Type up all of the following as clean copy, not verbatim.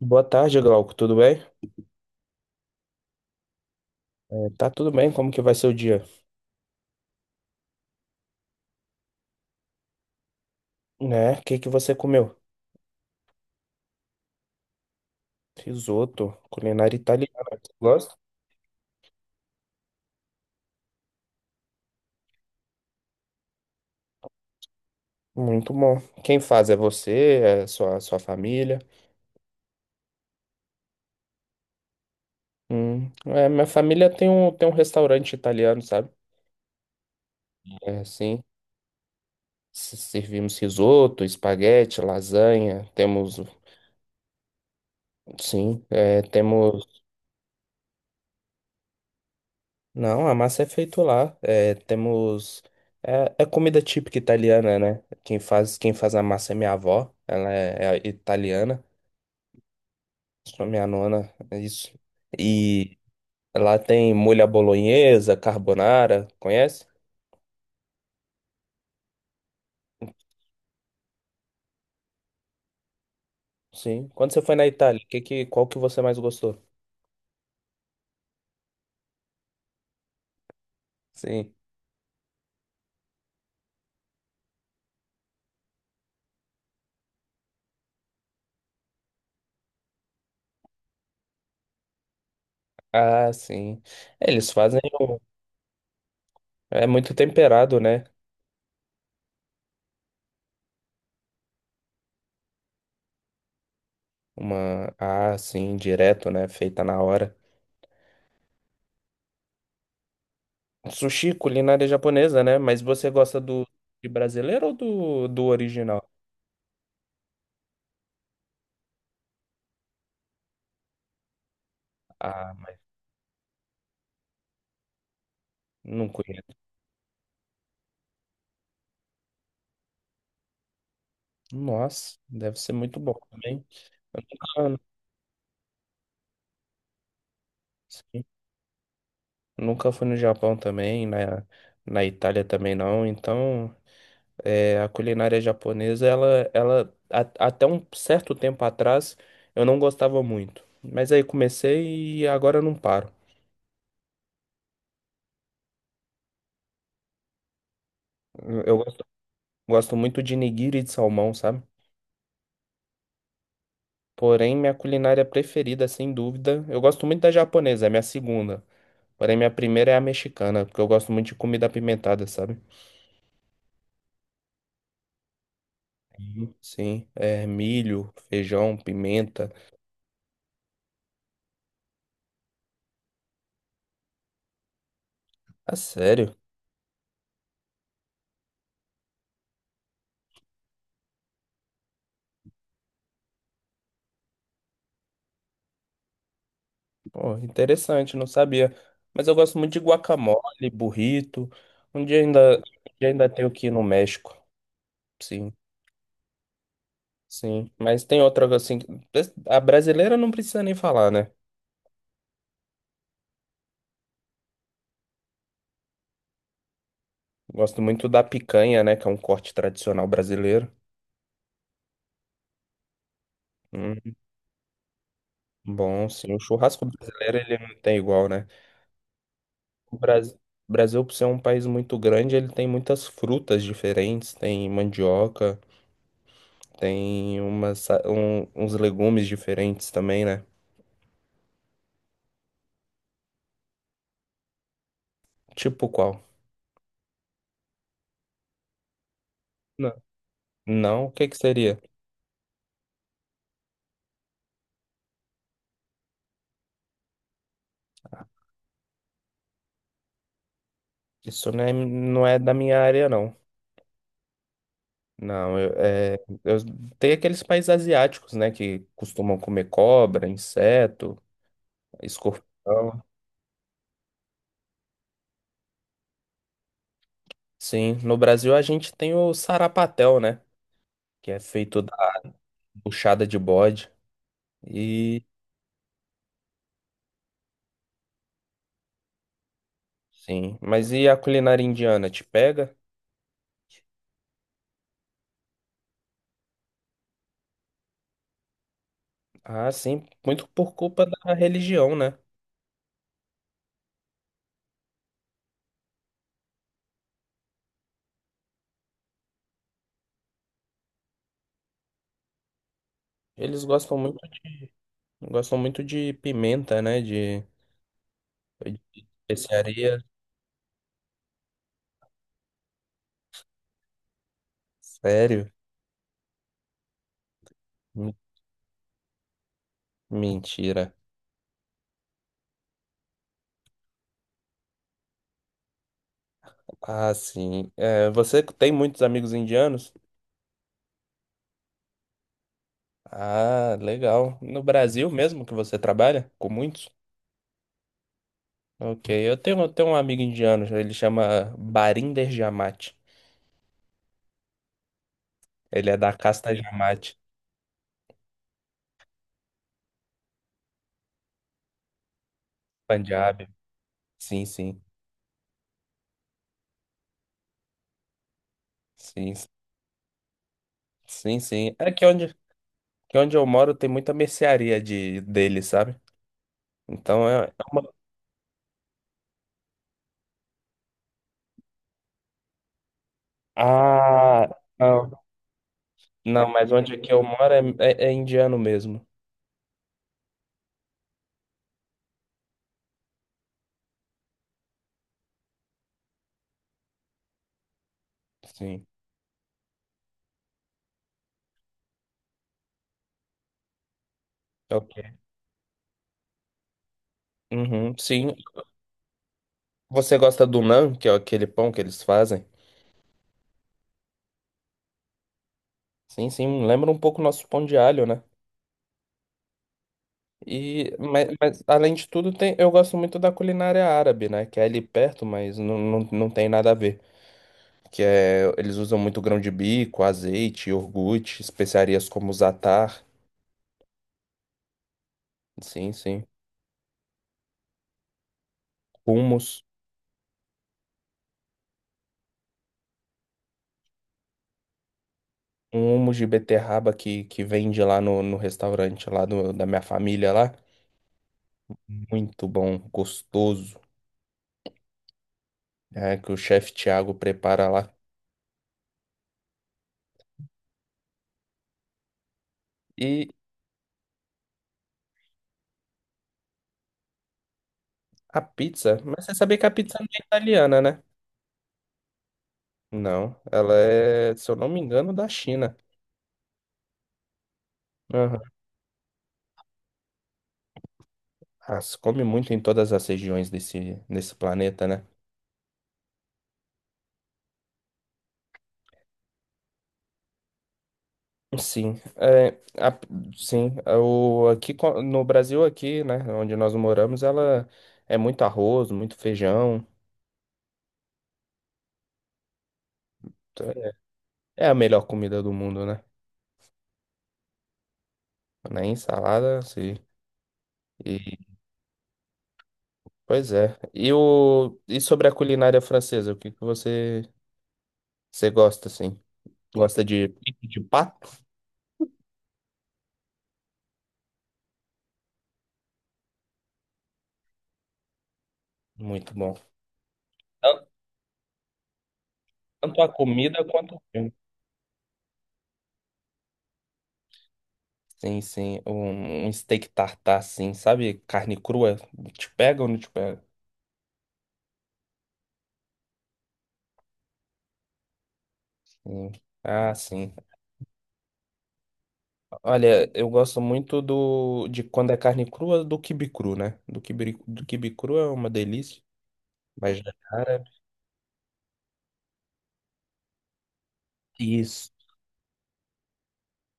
Boa tarde, Glauco. Tudo bem? Tá tudo bem? Como que vai ser o dia? Né? O que que você comeu? Risoto, culinária italiana. Você gosta? Muito bom. Quem faz é você, é sua família. Minha família tem um restaurante italiano, sabe? É, sim. Servimos risoto, espaguete, lasanha. Temos, sim, temos. Não, a massa é feito lá. É, temos. É, é comida típica italiana, né? Quem faz a massa é minha avó. Ela é italiana. Sou minha nona, é isso. E lá tem molho à bolonhesa, carbonara, conhece? Sim. Quando você foi na Itália, qual que você mais gostou? Sim. Ah, sim. É, eles fazem. É muito temperado, né? Uma. Ah, sim, direto, né? Feita na hora. Sushi, culinária japonesa, né? Mas você gosta do de brasileiro ou do original? Ah, não conheço. Nossa, deve ser muito bom também. Eu nunca, sim, nunca fui no Japão também, na, na Itália também não. Então, é, a culinária japonesa, ela até um certo tempo atrás, eu não gostava muito. Mas aí comecei e agora eu não paro. Eu gosto muito de nigiri de salmão, sabe? Porém, minha culinária preferida, sem dúvida, eu gosto muito da japonesa, é minha segunda. Porém, minha primeira é a mexicana, porque eu gosto muito de comida apimentada, sabe? Uhum. Sim, é milho, feijão, pimenta. Ah, sério? Pô, interessante, não sabia. Mas eu gosto muito de guacamole, burrito. Um dia ainda tenho que ir no México. Sim, sim. Mas tem outra assim. A brasileira não precisa nem falar, né? Gosto muito da picanha, né? Que é um corte tradicional brasileiro. Hum. Bom, sim, o churrasco brasileiro ele não tem igual, né? O Brasil, Brasil, por ser um país muito grande, ele tem muitas frutas diferentes, tem mandioca, tem uns legumes diferentes também, né? Tipo qual? Não. Não? O que que seria? Não é da minha área, não. Não, eu, é, eu, tem aqueles países asiáticos, né, que costumam comer cobra, inseto, escorpião. Sim, no Brasil a gente tem o sarapatel, né? Que é feito puxada de bode. E sim, mas e a culinária indiana te pega? Ah, sim, muito por culpa da religião, né? Eles gostam muito, gostam muito de pimenta, né? De especiaria. Sério? Me- Mentira. Ah, sim. É, você tem muitos amigos indianos? Ah, legal. No Brasil mesmo que você trabalha? Com muitos? Ok, eu tenho um amigo indiano, ele chama Barinder Jamate. Ele é da casta Jamate, Punjab. Sim, sim. Sim, sim, sim. Que onde eu moro tem muita mercearia de, dele, sabe? Então é, é uma. Ah, não. Não, mas onde que eu moro é, é indiano mesmo. Sim. Ok. Uhum, sim. Você gosta do naan, que é aquele pão que eles fazem? Sim, sim. Lembra um pouco o nosso pão de alho, né? E, além de tudo, tem, eu gosto muito da culinária árabe, né? Que é ali perto, mas não tem nada a ver. Que é, eles usam muito grão de bico, azeite, iogurte, especiarias como zatar, sim, sim, hummus, um hummus de beterraba que vende lá no restaurante lá da minha família lá, muito bom, gostoso, é, que o chefe Thiago prepara lá. E a pizza, mas você sabia que a pizza não é italiana, né? Não, ela é, se eu não me engano, da China. Aham. Ah, se come muito em todas as regiões desse planeta, né? Sim, é, a- no Brasil aqui, né, onde nós moramos, ela é muito arroz, muito feijão, é é a melhor comida do mundo, né? Nem salada, sim. E pois é. E o e sobre a culinária francesa, o que que você gosta assim? Gosta de peito de pato? Muito bom. Tan- Tanto a comida quanto o filme. Sim, sim, um steak tartar, assim, sabe? Carne crua, te pega ou não te pega? Sim. Ah, sim. Olha, eu gosto muito do de quando é carne crua do quibe cru, né? Do quibe cru é uma delícia, mas já é árabe. Isso.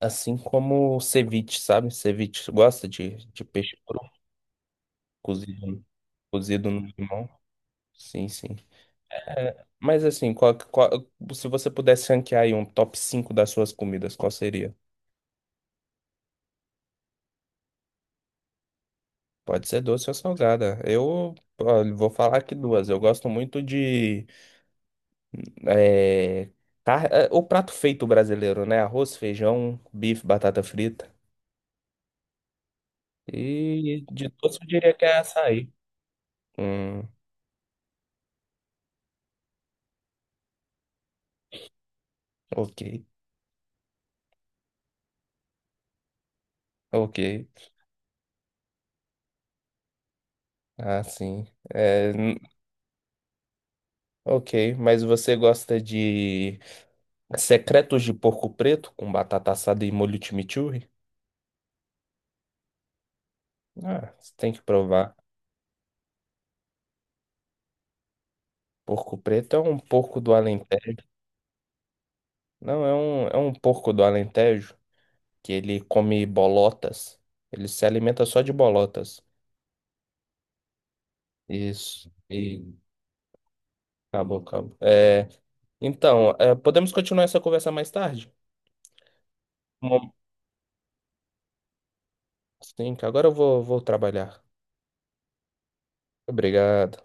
Assim como o ceviche, sabe? Ceviche gosta de peixe cru, cozido, cozido no limão. Sim, sim. É, mas assim, se você pudesse ranquear aí um top 5 das suas comidas, qual seria? Pode ser doce ou salgada. Eu, olha, vou falar aqui duas. Eu gosto muito de é, o prato feito brasileiro, né? Arroz, feijão, bife, batata frita. E de todos eu diria que é açaí. Hum, ok, ok. Ah, sim. É, hum, ok, mas você gosta de secretos de porco preto com batata assada e molho chimichurri? Ah, você tem que provar. Porco preto é um porco do Alentejo. Não, é um porco do Alentejo que ele come bolotas. Ele se alimenta só de bolotas. Isso. E acabou. É, então, é, podemos continuar essa conversa mais tarde? Mom- Sim, que agora vou trabalhar. Obrigado.